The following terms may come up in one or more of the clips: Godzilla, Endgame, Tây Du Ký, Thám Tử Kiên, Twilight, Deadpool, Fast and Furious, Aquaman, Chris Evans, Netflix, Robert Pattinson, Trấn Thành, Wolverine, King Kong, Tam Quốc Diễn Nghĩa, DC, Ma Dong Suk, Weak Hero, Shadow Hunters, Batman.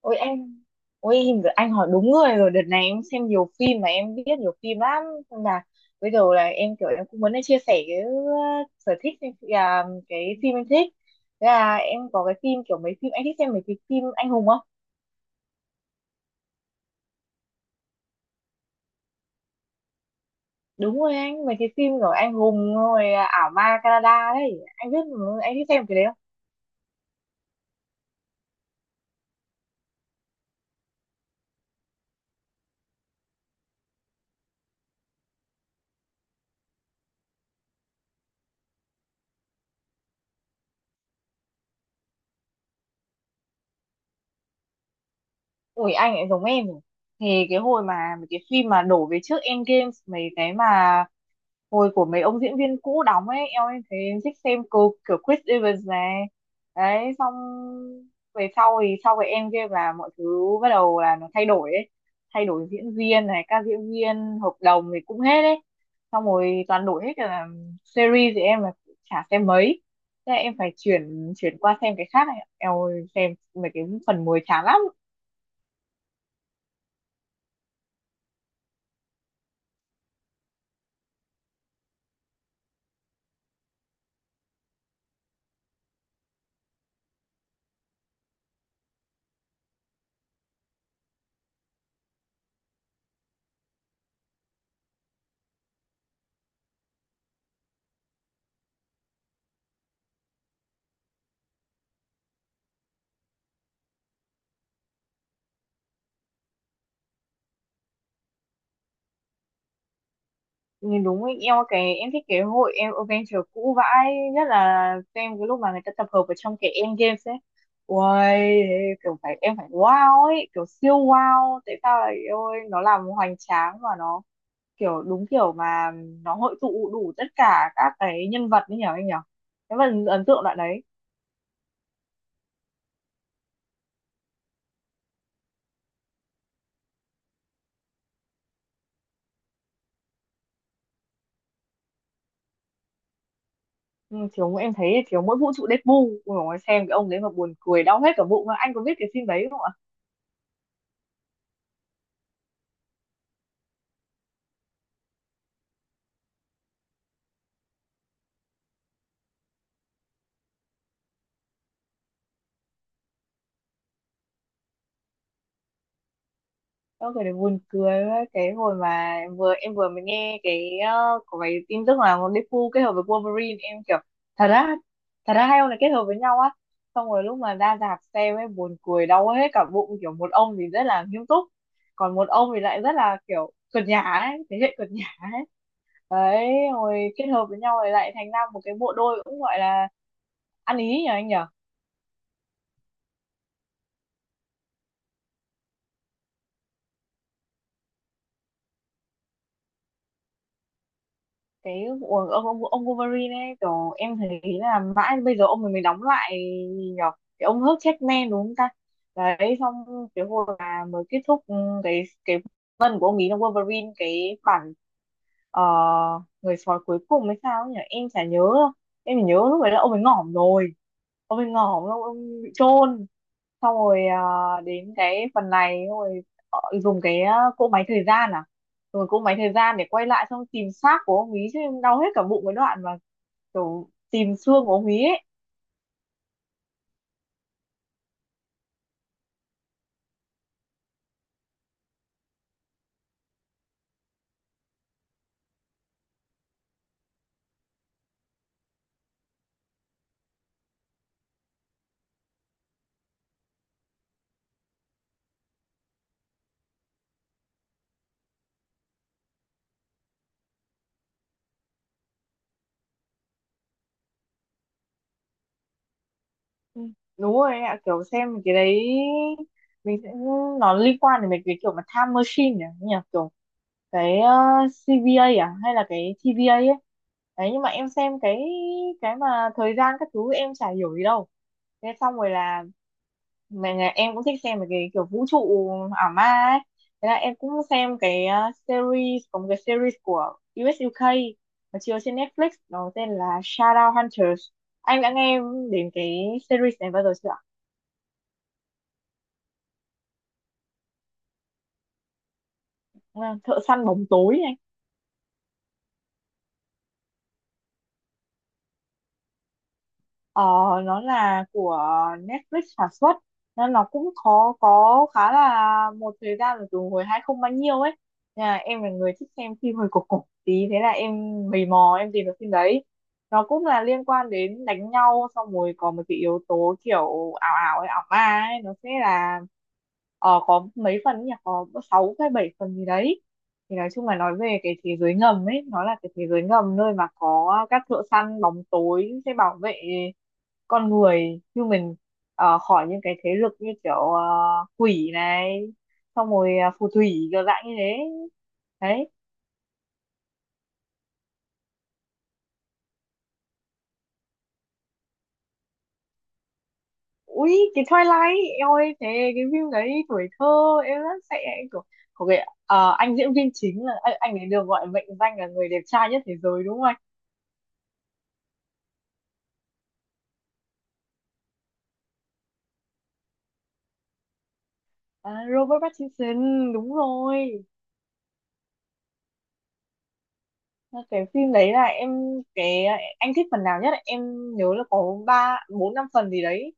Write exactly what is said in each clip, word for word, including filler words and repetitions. Ôi em Ôi em- anh hỏi đúng người rồi. Đợt này em xem nhiều phim mà em biết nhiều phim lắm, nên là bây giờ là em kiểu em cũng muốn chia sẻ cái uh, sở thích em- à, cái phim em thích. Thế là em có cái phim kiểu mấy phim, anh thích xem mấy cái phim anh hùng không? Đúng rồi anh, mấy cái phim kiểu anh hùng rồi à, ảo ma Canada đấy, anh biết mà, anh thích xem cái đấy. Ủi, anh ấy giống em rồi. Thì cái hồi mà mấy cái phim mà đổ về trước Endgame, mấy cái mà hồi của mấy ông diễn viên cũ đóng ấy, em em thấy em thích xem cô kiểu Chris Evans này đấy. Xong về sau thì sau cái Endgame là mọi thứ bắt đầu là nó thay đổi ấy, thay đổi diễn viên này, các diễn viên hợp đồng thì cũng hết ấy, xong rồi toàn đổi hết cả là series thì em là chả xem mấy. Thế là em phải chuyển chuyển qua xem cái khác này em ơi, xem mấy cái phần mới chán lắm. Nhìn đúng ý, em cái em thích cái hội em adventure cũ vãi nhất là xem cái lúc mà người ta tập hợp ở trong cái Endgames ấy. Uầy, kiểu phải em phải wow ấy, kiểu siêu wow, tại sao lại ôi nó làm hoành tráng và nó kiểu đúng kiểu mà nó hội tụ đủ tất cả các cái nhân vật ấy, nhở anh nhở, cái phần ấn tượng đoạn đấy. Ừ, thiếu, em thấy thiếu mỗi vũ trụ Deadpool. Ui dồi ôi, xem cái ông đấy mà buồn cười đau hết cả bụng, anh có biết cái phim đấy không ạ? Đó, cái đấy buồn cười quá. Cái hồi mà em vừa em vừa mới nghe cái uh, có cái tin tức là con Deadpool kết hợp với Wolverine, em kiểu thật ra thật ra hai ông này kết hợp với nhau á. Xong rồi lúc mà ra rạp xem ấy, buồn cười đau hết cả bụng, kiểu một ông thì rất là nghiêm túc, còn một ông thì lại rất là kiểu cợt nhả ấy, thế hệ cợt nhả ấy đấy, rồi kết hợp với nhau rồi lại thành ra một cái bộ đôi cũng gọi là ăn ý nhỉ, anh nhỉ? Cái của ông ông ông Wolverine ấy, kiểu em thấy là mãi bây giờ ông mình mới đóng lại, gì nhở, cái ông hớt checkman đúng không ta. Đấy xong, cái hồi mà mới kết thúc, ừ, cái cái phần của ông ấy trong Wolverine, cái bản ờ, người sói cuối cùng hay sao ấy nhỉ, em chả nhớ đâu. Em chỉ nhớ lúc đấy là ông ấy ngỏm rồi, ông ấy ngỏm, ông, ông bị chôn. Xong rồi à, đến cái phần này xong rồi ờ, dùng cái à, cỗ máy thời gian à, rồi cỗ máy thời gian để quay lại xong tìm xác của ông ý chứ, em đau hết cả bụng cái đoạn mà kiểu tìm xương của ông ý ấy. Ừ, đúng rồi ạ, kiểu xem cái đấy mình sẽ nó liên quan đến mấy cái kiểu mà time machine, nhỉ nhỉ kiểu cái ờ, xê vê a à hay là cái tê vê a ấy. Đấy nhưng mà em xem cái cái mà thời gian các thứ em chả hiểu gì đâu. Thế xong rồi là mà nhà em cũng thích xem mấy cái kiểu vũ trụ ảo ma ấy, thế là em cũng xem cái ờ, series, có một cái series của u ét u ca mà chiếu trên Netflix nó tên là Shadow Hunters. Anh đã nghe đến cái series này bao giờ chưa ạ? À, Thợ săn bóng tối. Ờ, nó là của Netflix sản xuất nên nó cũng có có khá là một thời gian rồi, từ hồi hai không không không bao nhiêu ấy, nên là em là người thích xem phim hơi cổ cổ tí, thế là em mày mò em tìm được phim đấy. Nó cũng là liên quan đến đánh nhau, xong rồi có một cái yếu tố kiểu ảo ảo ấy, ảo ma ấy. Nó sẽ là ờ, có mấy phần nhỉ, có sáu hay bảy phần gì đấy, thì nói chung là nói về cái thế giới ngầm ấy, nó là cái thế giới ngầm nơi mà có các thợ săn bóng tối sẽ bảo vệ con người như mình ờ, khỏi những cái thế lực như kiểu ờ, quỷ này, xong rồi ờ, phù thủy kiểu dạng như thế đấy. Ui cái Twilight em ơi, thế cái phim đấy tuổi thơ em rất sẽ của, của cái ờ, anh diễn viên chính là anh, anh ấy được gọi mệnh danh là người đẹp trai nhất thế giới đúng không anh? À, Robert Pattinson. Đúng rồi, cái phim đấy là em, cái anh thích phần nào nhất ạ? Em nhớ là có ba bốn năm phần gì đấy.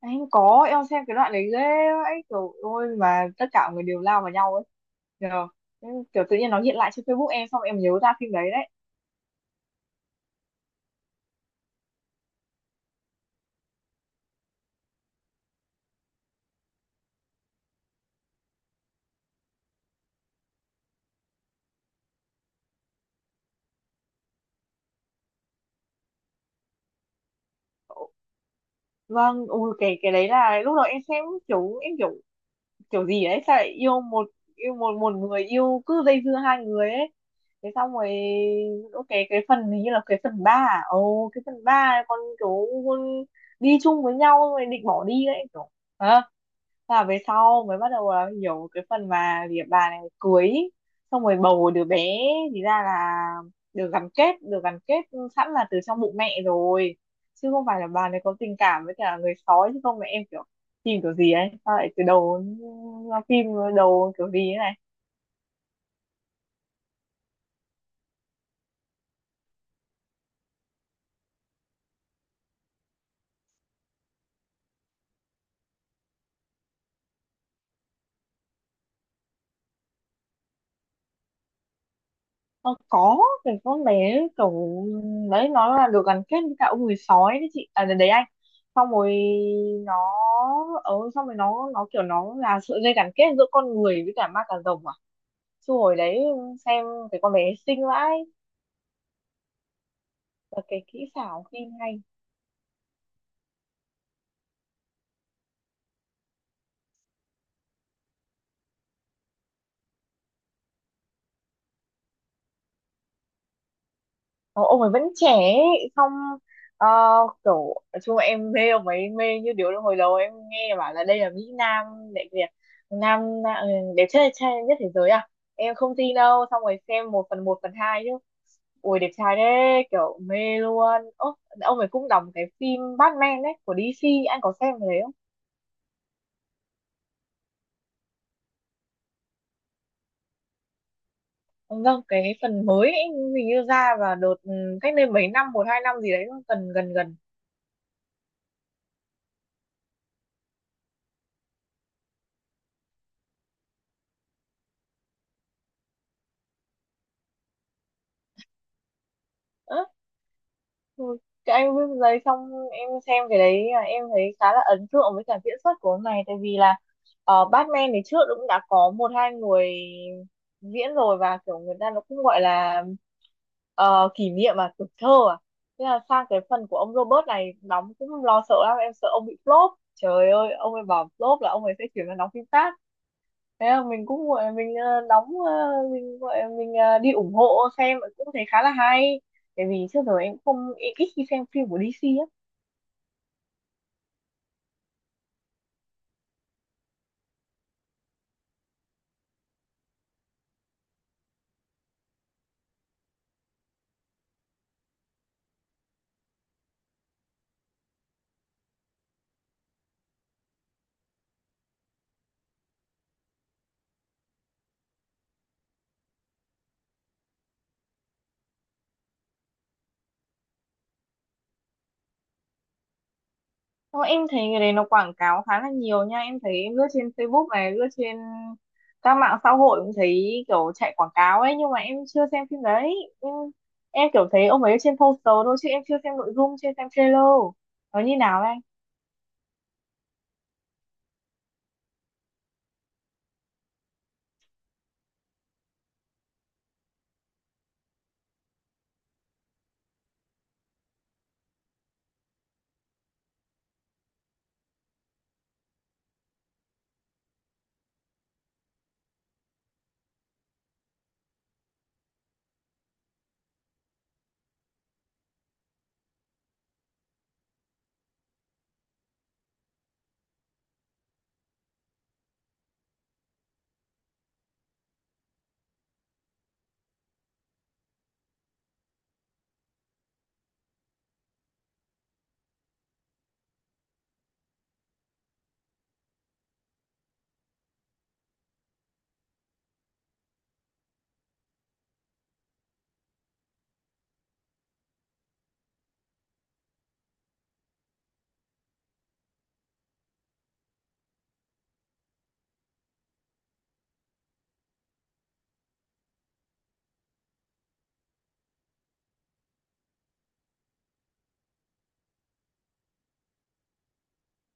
Anh có em xem cái đoạn đấy ghê ấy, kiểu ôi mà tất cả mọi người đều lao vào nhau ấy. Nhờ. Nhưng kiểu tự nhiên nó hiện lại trên Facebook em, xong em nhớ ra phim đấy đấy. Vâng, ui cái cái đấy là lúc đầu em xem kiểu em kiểu kiểu gì ấy, sao lại yêu một, yêu một một người, yêu cứ dây dưa hai người ấy. Thế xong rồi ok, cái phần hình như là cái phần ba à? Ồ cái phần ba, con kiểu con đi chung với nhau rồi định bỏ đi ấy kiểu, hả. Thế là về sau mới bắt đầu là hiểu cái phần mà việc bà này cưới xong rồi bầu đứa bé, thì ra là được gắn kết được gắn kết sẵn là từ trong bụng mẹ rồi, chứ không phải là bà này có tình cảm với cả người sói, chứ không mẹ em kiểu phim kiểu gì ấy sao lại từ đầu phim đầu kiểu gì ấy này. Ờ, có, cái con bé kiểu đấy nó là được gắn kết với cả ông người sói đấy chị à, đấy anh. Xong rồi nó ờ xong rồi nó nó kiểu nó là sợi dây gắn kết giữa con người với cả ma cà rồng à, chứ hồi đấy xem cái con bé xinh vãi, và cái kỹ xảo phim hay. Ờ, ông ấy vẫn trẻ ấy. Xong ờ, kiểu nói chung là em mê ông ấy mê như điếu đồng, hồi đầu em nghe bảo là đây là Mỹ Nam đại Việt Nam, ừ, đẹp trai trai nhất thế giới à, em không tin đâu, xong rồi xem một phần một phần hai chứ ui đẹp trai đấy kiểu mê luôn. Ố, ông ấy cũng đóng cái phim Batman đấy của đê xê, anh có xem cái đấy không ông? Vâng, cái phần mới ấy, hình như ra vào đợt ừ, cách đây mấy năm, một hai năm gì đấy, gần gần gần. Á, ừ, cái anh viết giấy, xong em xem cái đấy là em thấy khá là ấn tượng với cả diễn xuất của ông này, tại vì là ờ, Batman thì trước cũng đã có một hai người diễn rồi, và kiểu người ta nó cũng gọi là ờ, kỷ niệm à, tuổi thơ à. Thế là sang cái phần của ông Robert này đóng cũng lo sợ lắm, em sợ ông bị flop trời ơi, ông ấy bảo flop là ông ấy sẽ chuyển sang đóng phim khác. Thế là mình cũng gọi mình ờ, đóng ờ, mình gọi mình ờ, đi ủng hộ, xem cũng thấy khá là hay. Tại vì trước giờ em không, em ít khi xem phim của đê xê á. Xong em thấy người đấy nó quảng cáo khá là nhiều nha. Em thấy em lướt trên Facebook này, lướt trên các mạng xã hội cũng thấy kiểu chạy quảng cáo ấy. Nhưng mà em chưa xem phim đấy. Em, em kiểu thấy ông ấy trên poster thôi, chứ em chưa xem nội dung, chưa xem trailer. Nó như nào anh?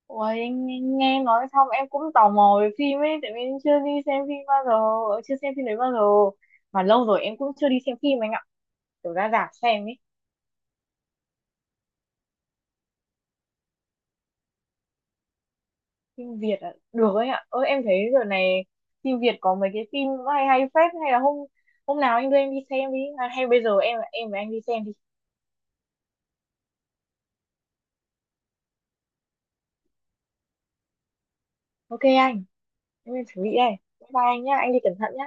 Ôi, em nghe nghe nói xong em cũng tò mò về phim ấy. Tại vì em chưa đi xem phim bao giờ, ờ, chưa xem phim đấy bao giờ. Mà lâu rồi em cũng chưa đi xem phim anh ạ. Kiểu ra rạp xem ấy. Phim Việt ạ, được ấy ạ, ơ em thấy giờ này phim Việt có mấy cái phim hay hay phết, hay là hôm hôm nào anh đưa em đi xem đi, à, hay bây giờ em em với anh đi xem đi. Ok anh, em chuẩn bị đây, bye bye anh nhá, anh đi cẩn thận nhá.